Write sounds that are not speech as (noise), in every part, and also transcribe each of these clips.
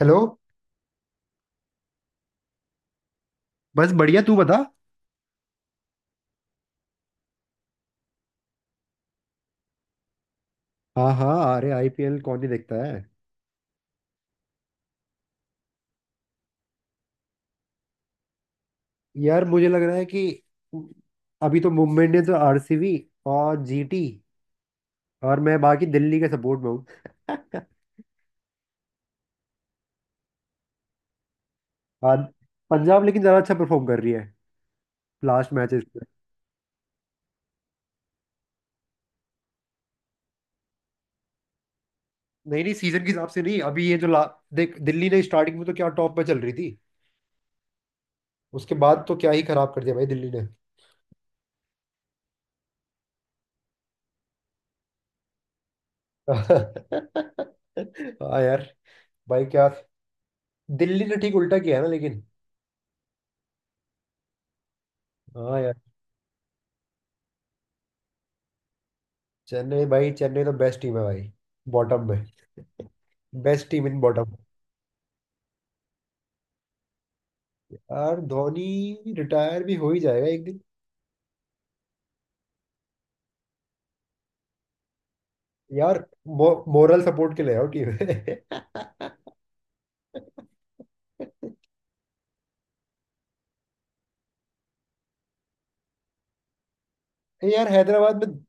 Hello. बस बढ़िया तू बता। हाँ हाँ, अरे आईपीएल कौन ही देखता है। यार मुझे लग रहा है कि अभी तो मुंबई इंडियंस और आरसीबी और जीटी, और मैं बाकी दिल्ली के सपोर्ट में हूँ। (laughs) हाँ, पंजाब लेकिन ज़्यादा अच्छा परफॉर्म कर रही है लास्ट मैचेस में। नहीं नहीं, सीजन के हिसाब से नहीं, अभी ये जो ला, देख दिल्ली ने स्टार्टिंग में तो क्या टॉप पे चल रही थी। उसके बाद तो क्या ही खराब कर दिया भाई दिल्ली ने। (laughs) हाँ यार, भाई क्या, दिल्ली ने ठीक उल्टा किया है ना लेकिन। हाँ। चेन्नई, भाई चेन्नई तो बेस्ट टीम है भाई, बॉटम में। Best team in bottom. यार धोनी रिटायर भी हो ही जाएगा एक दिन। यार मोरल सपोर्ट के लिए आओ टीम में। (laughs) यार हैदराबाद में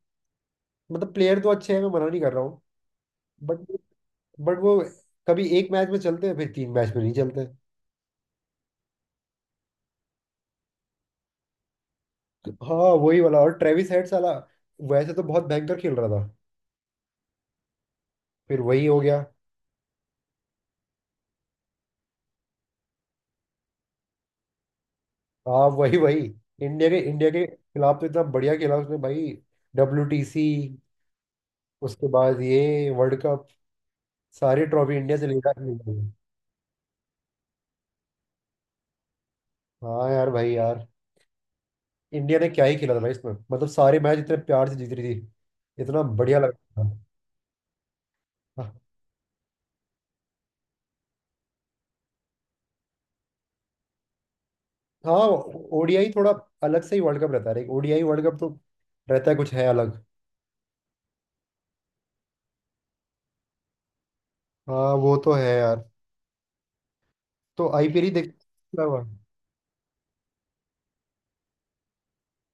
मतलब प्लेयर तो अच्छे हैं, मैं मना नहीं कर रहा हूँ बट बट वो कभी एक मैच में चलते हैं फिर तीन मैच में नहीं चलते। हाँ वही वाला। और ट्रेविस हेड साला वैसे तो बहुत भयंकर खेल रहा था, फिर वही हो गया। हाँ वही वही। इंडिया के खिलाफ तो इतना बढ़िया खेला उसने भाई। डब्ल्यूटीसी, उसके बाद ये वर्ल्ड कप, सारी ट्रॉफी इंडिया से लेकर आया है। हाँ यार, भाई यार, इंडिया ने क्या ही खेला था भाई इसमें, मतलब सारे मैच इतने प्यार से जीत रही थी, इतना बढ़िया लग रहा था। हाँ, ओडीआई थोड़ा अलग से ही वर्ल्ड कप रहता है, ओडीआई वर्ल्ड कप तो रहता है, कुछ है अलग। हाँ वो तो है यार, तो आईपीएल ही देख क्या हुआ।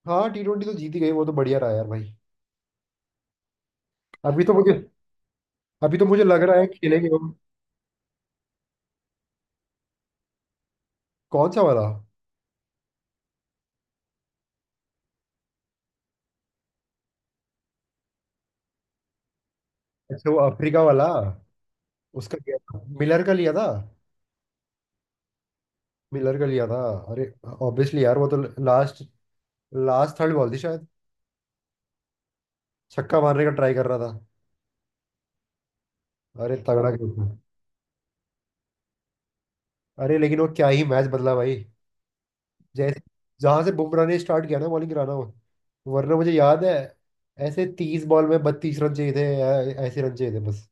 हाँ टी ट्वेंटी तो जीत ही गई, वो तो बढ़िया रहा यार भाई। अभी तो मुझे अभी तो मुझे लग रहा है खेलेंगे वो। कौन सा वाला? अच्छा वो अफ्रीका वाला, उसका लिया था, मिलर का लिया था। मिलर का लिया था। अरे ऑब्वियसली यार, वो तो लास्ट लास्ट थर्ड बॉल थी शायद। छक्का मारने का ट्राई कर रहा था। अरे तगड़ा खेल था। अरे लेकिन वो क्या ही मैच बदला भाई, जैसे जहां से बुमराह ने स्टार्ट किया ना बॉलिंग कराना, वो वरना मुझे याद है। ऐसे तीस बॉल में बत्तीस रन चाहिए थे, ऐसे रन चाहिए थे बस।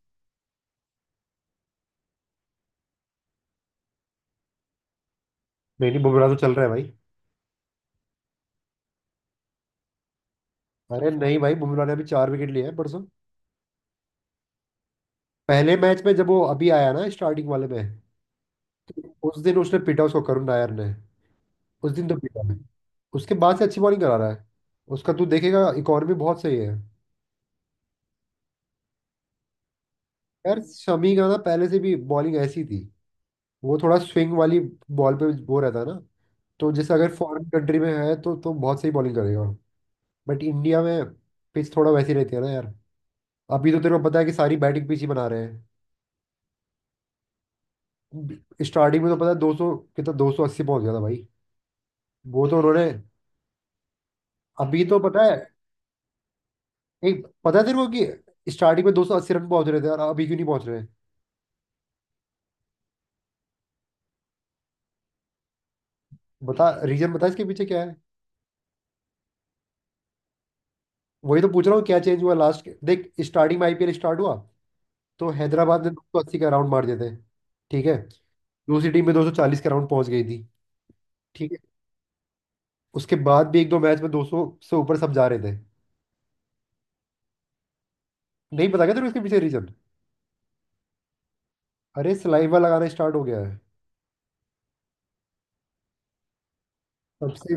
नहीं नहीं, बुमराह तो चल रहा है भाई। अरे नहीं भाई, बुमराह ने अभी चार विकेट लिए हैं परसों। पहले मैच में जब वो अभी आया ना, स्टार्टिंग वाले में, उस दिन उसने पीटा उसको करुण नायर ने। उस दिन तो पीटा है। उसके बाद से अच्छी बॉलिंग करा रहा है, उसका तू देखेगा इकॉनमी बहुत सही है। यार शमी का ना पहले से भी बॉलिंग ऐसी थी, वो थोड़ा स्विंग वाली बॉल पे वो रहता है ना, तो जैसे अगर फॉरेन कंट्री में है तो बहुत सही बॉलिंग करेगा। बट इंडिया में पिच थोड़ा वैसी रहती है ना यार। अभी तो तेरे को पता है कि सारी बैटिंग पिच ही बना रहे हैं। स्टार्टिंग में तो पता है दो सौ कितना, दो सौ अस्सी पहुंच गया था भाई, वो तो उन्होंने। अभी तो पता है, एक पता है तेरे को कि स्टार्टिंग में दो सौ अस्सी रन पहुंच रहे थे और अभी क्यों नहीं पहुंच रहे। बता, रीजन बता इसके पीछे क्या है। वही तो पूछ रहा हूँ क्या चेंज हुआ, लास्ट के देख, स्टार्टिंग में आईपीएल स्टार्ट हुआ तो हैदराबाद ने दो सौ अस्सी का राउंड मार दिए थे। ठीक है। दूसरी टीम में दो सौ चालीस का राउंड पहुंच गई थी। ठीक है। उसके बाद भी एक दो मैच में दो सौ से ऊपर सब जा रहे थे। नहीं पता क्या तेरे को इसके पीछे रीजन? अरे सलाइवा लगाना स्टार्ट हो गया है सबसे।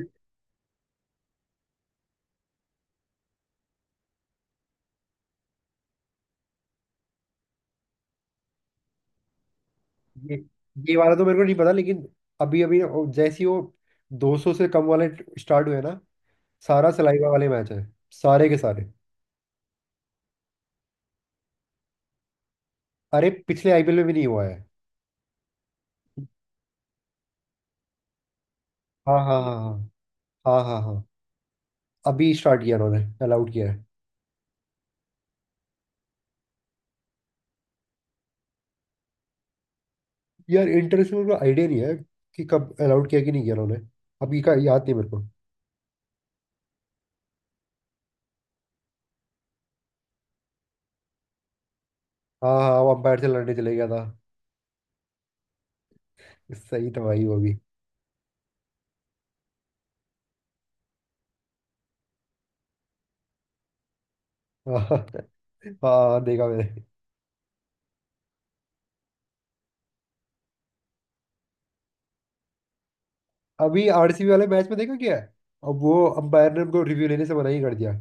ये ये वाला तो मेरे को नहीं पता लेकिन, अभी अभी जैसे ही वो 200 से कम वाले स्टार्ट हुए ना, सारा सलाइवा वाले मैच है, सारे के सारे। अरे पिछले आईपीएल में भी नहीं हुआ है। हाँ हाँ हाँ हाँ। हाँ हाँ हाँ, अभी स्टार्ट किया उन्होंने, अलाउड किया है। यार इंटरनेशनल का आइडिया नहीं है कि कब अलाउड किया कि नहीं किया उन्होंने, अभी का याद नहीं मेरे को। हाँ हाँ, वो अंपायर से लड़ने चले गया था। सही था भाई वो भी। (laughs) हाँ, हाँ, देखा मैंने। अभी आरसीबी वाले मैच में देखा क्या है, अब वो अंपायर ने उनको रिव्यू लेने से मना ही कर दिया,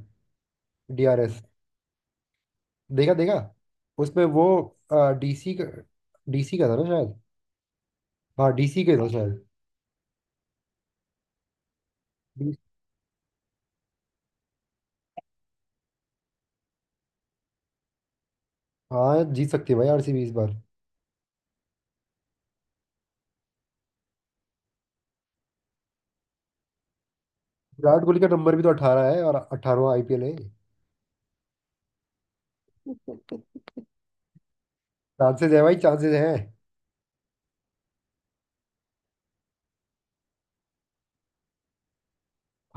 डीआरएस। देखा देखा, उसमें वो डीसी का डीसी का था ना शायद, हाँ डीसी के था शायद। डी- हाँ जीत सकती है भाई आरसीबी इस बार। विराट कोहली का नंबर भी तो 18 है और 18वां आईपीएल है। चांसेस है भाई, चांसेस है।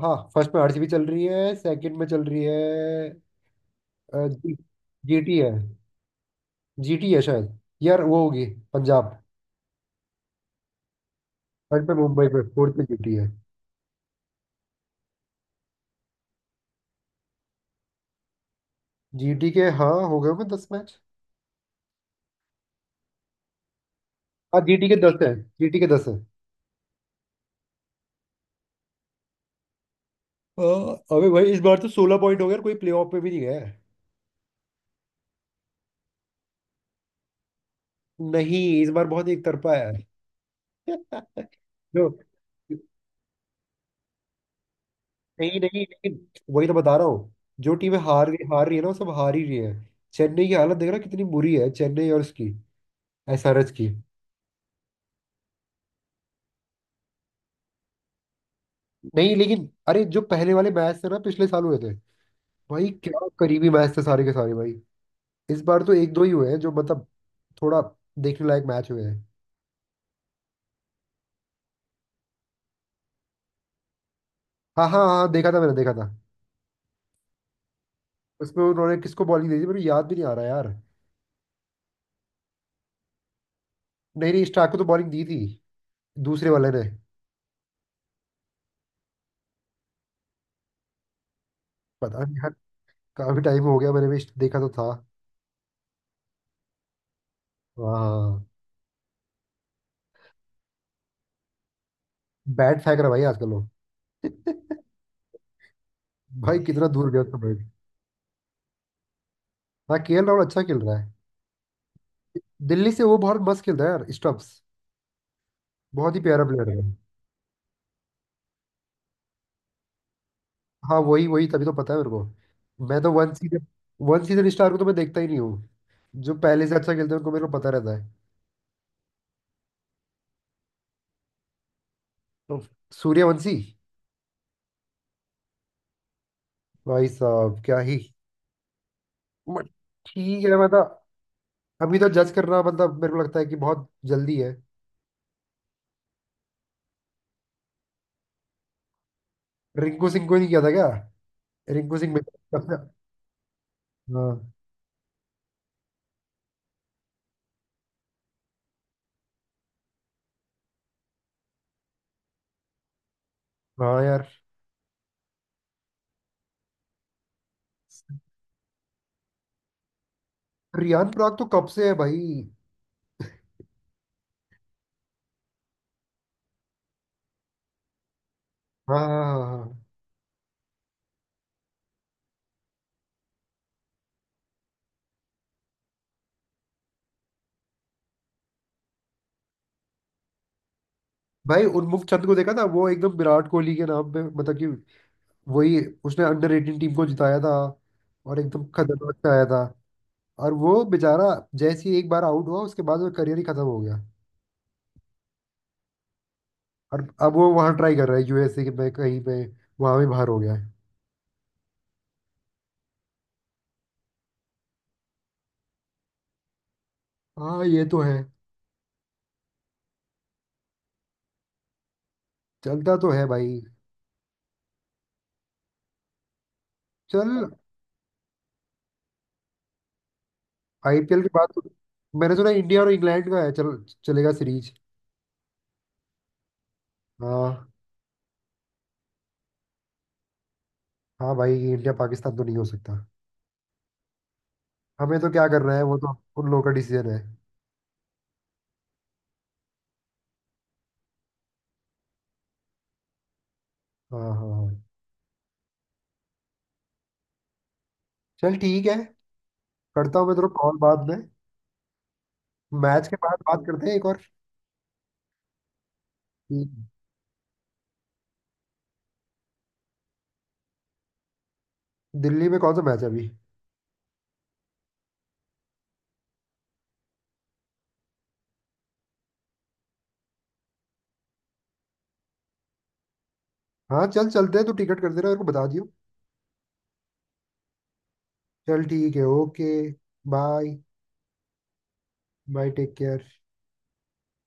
हाँ फर्स्ट में आरसीबी चल रही है, सेकंड में चल रही है। जी, जीटी है, जीटी है शायद, यार वो होगी पंजाब। थर्ड पे मुंबई पे, फोर्थ पे जीटी है। जीटी के, हाँ हो गए होंगे दस मैच। हाँ जीटी के दस है, जीटी के दस है। हाँ, अबे भाई इस बार तो सोलह पॉइंट हो गया और कोई प्लेऑफ में भी नहीं गया है। नहीं इस बार बहुत एक तरफा है। (laughs) जो, नहीं नहीं नहीं, वही तो बता रहा हूँ। जो टीमें हार रही, हार रही है ना, वो सब हार ही रही है। चेन्नई की हालत देख रहा है कितनी बुरी है, चेन्नई और उसकी एसआरएच की। नहीं लेकिन अरे जो पहले वाले मैच थे ना, पिछले साल हुए थे भाई, क्या करीबी मैच थे सारे के सारे भाई। इस बार तो एक दो ही हुए हैं जो मतलब थोड़ा देखने लायक मैच हुए हैं। हाँ हाँ हाँ, देखा था मैंने, देखा था। उसमें उन्होंने किसको बॉलिंग दी थी मेरे को याद भी नहीं आ रहा यार। नहीं नहीं स्टार्क को तो बॉलिंग दी थी, दूसरे वाले ने। पता नहीं यार, काफी टाइम हो गया, मैंने भी देखा तो था। हाँ, बैट फेंक रहा है भाई आजकल वो। (laughs) भाई कितना दूर गया उसका बैट। हाँ के एल राहुल अच्छा खेल रहा है। दिल्ली से वो बहुत मस्त खेलता है यार स्टम्प्स, बहुत ही प्यारा प्लेयर है। हाँ वही वही, तभी तो पता है मेरे को। मैं तो वन सीजन स्टार को तो मैं देखता ही नहीं हूँ। जो पहले से अच्छा खेलते हैं उनको मेरे को पता रहता है। तो सूर्यवंशी, भाई साहब क्या ही, मत- ठीक है मतलब, अभी तो जज करना मतलब मेरे को लगता है कि बहुत जल्दी है। रिंकू सिंह को नहीं किया था क्या? रिंकू सिंह मेरे को, लगता है, हाँ हाँ यार। रियान पराग तो कब से है भाई। हाँ हाँ हाँ हाँ। भाई उन्मुख चंद को देखा था, वो एकदम विराट कोहली के नाम पे मतलब कि, वही, उसने अंडर एटीन टीम को जिताया था, और एकदम खतरनाक से आया था। और वो बेचारा जैसे ही एक बार आउट हुआ, उसके बाद वो करियर ही खत्म हो गया। और अब वो वहां ट्राई कर रहा है यूएसए के में कहीं पे, वहां भी बाहर हो गया है। हाँ ये तो है, चलता तो है भाई। चल आईपीएल के बाद, मैंने सुना इंडिया और इंग्लैंड का है, चल चलेगा सीरीज। हाँ। हाँ भाई इंडिया पाकिस्तान तो नहीं हो सकता, हमें तो क्या करना है, वो तो उन लोगों का डिसीजन है। हाँ हाँ हाँ, चल ठीक है। करता हूँ मैं तेरे को कॉल बाद में, मैच के बाद बात करते हैं एक और। ठीक है। दिल्ली में कौन सा मैच है अभी? हाँ चल चलते हैं, तू टिकट कर देना मेरे को बता दियो। चल ठीक है, okay, bye. Bye, take care.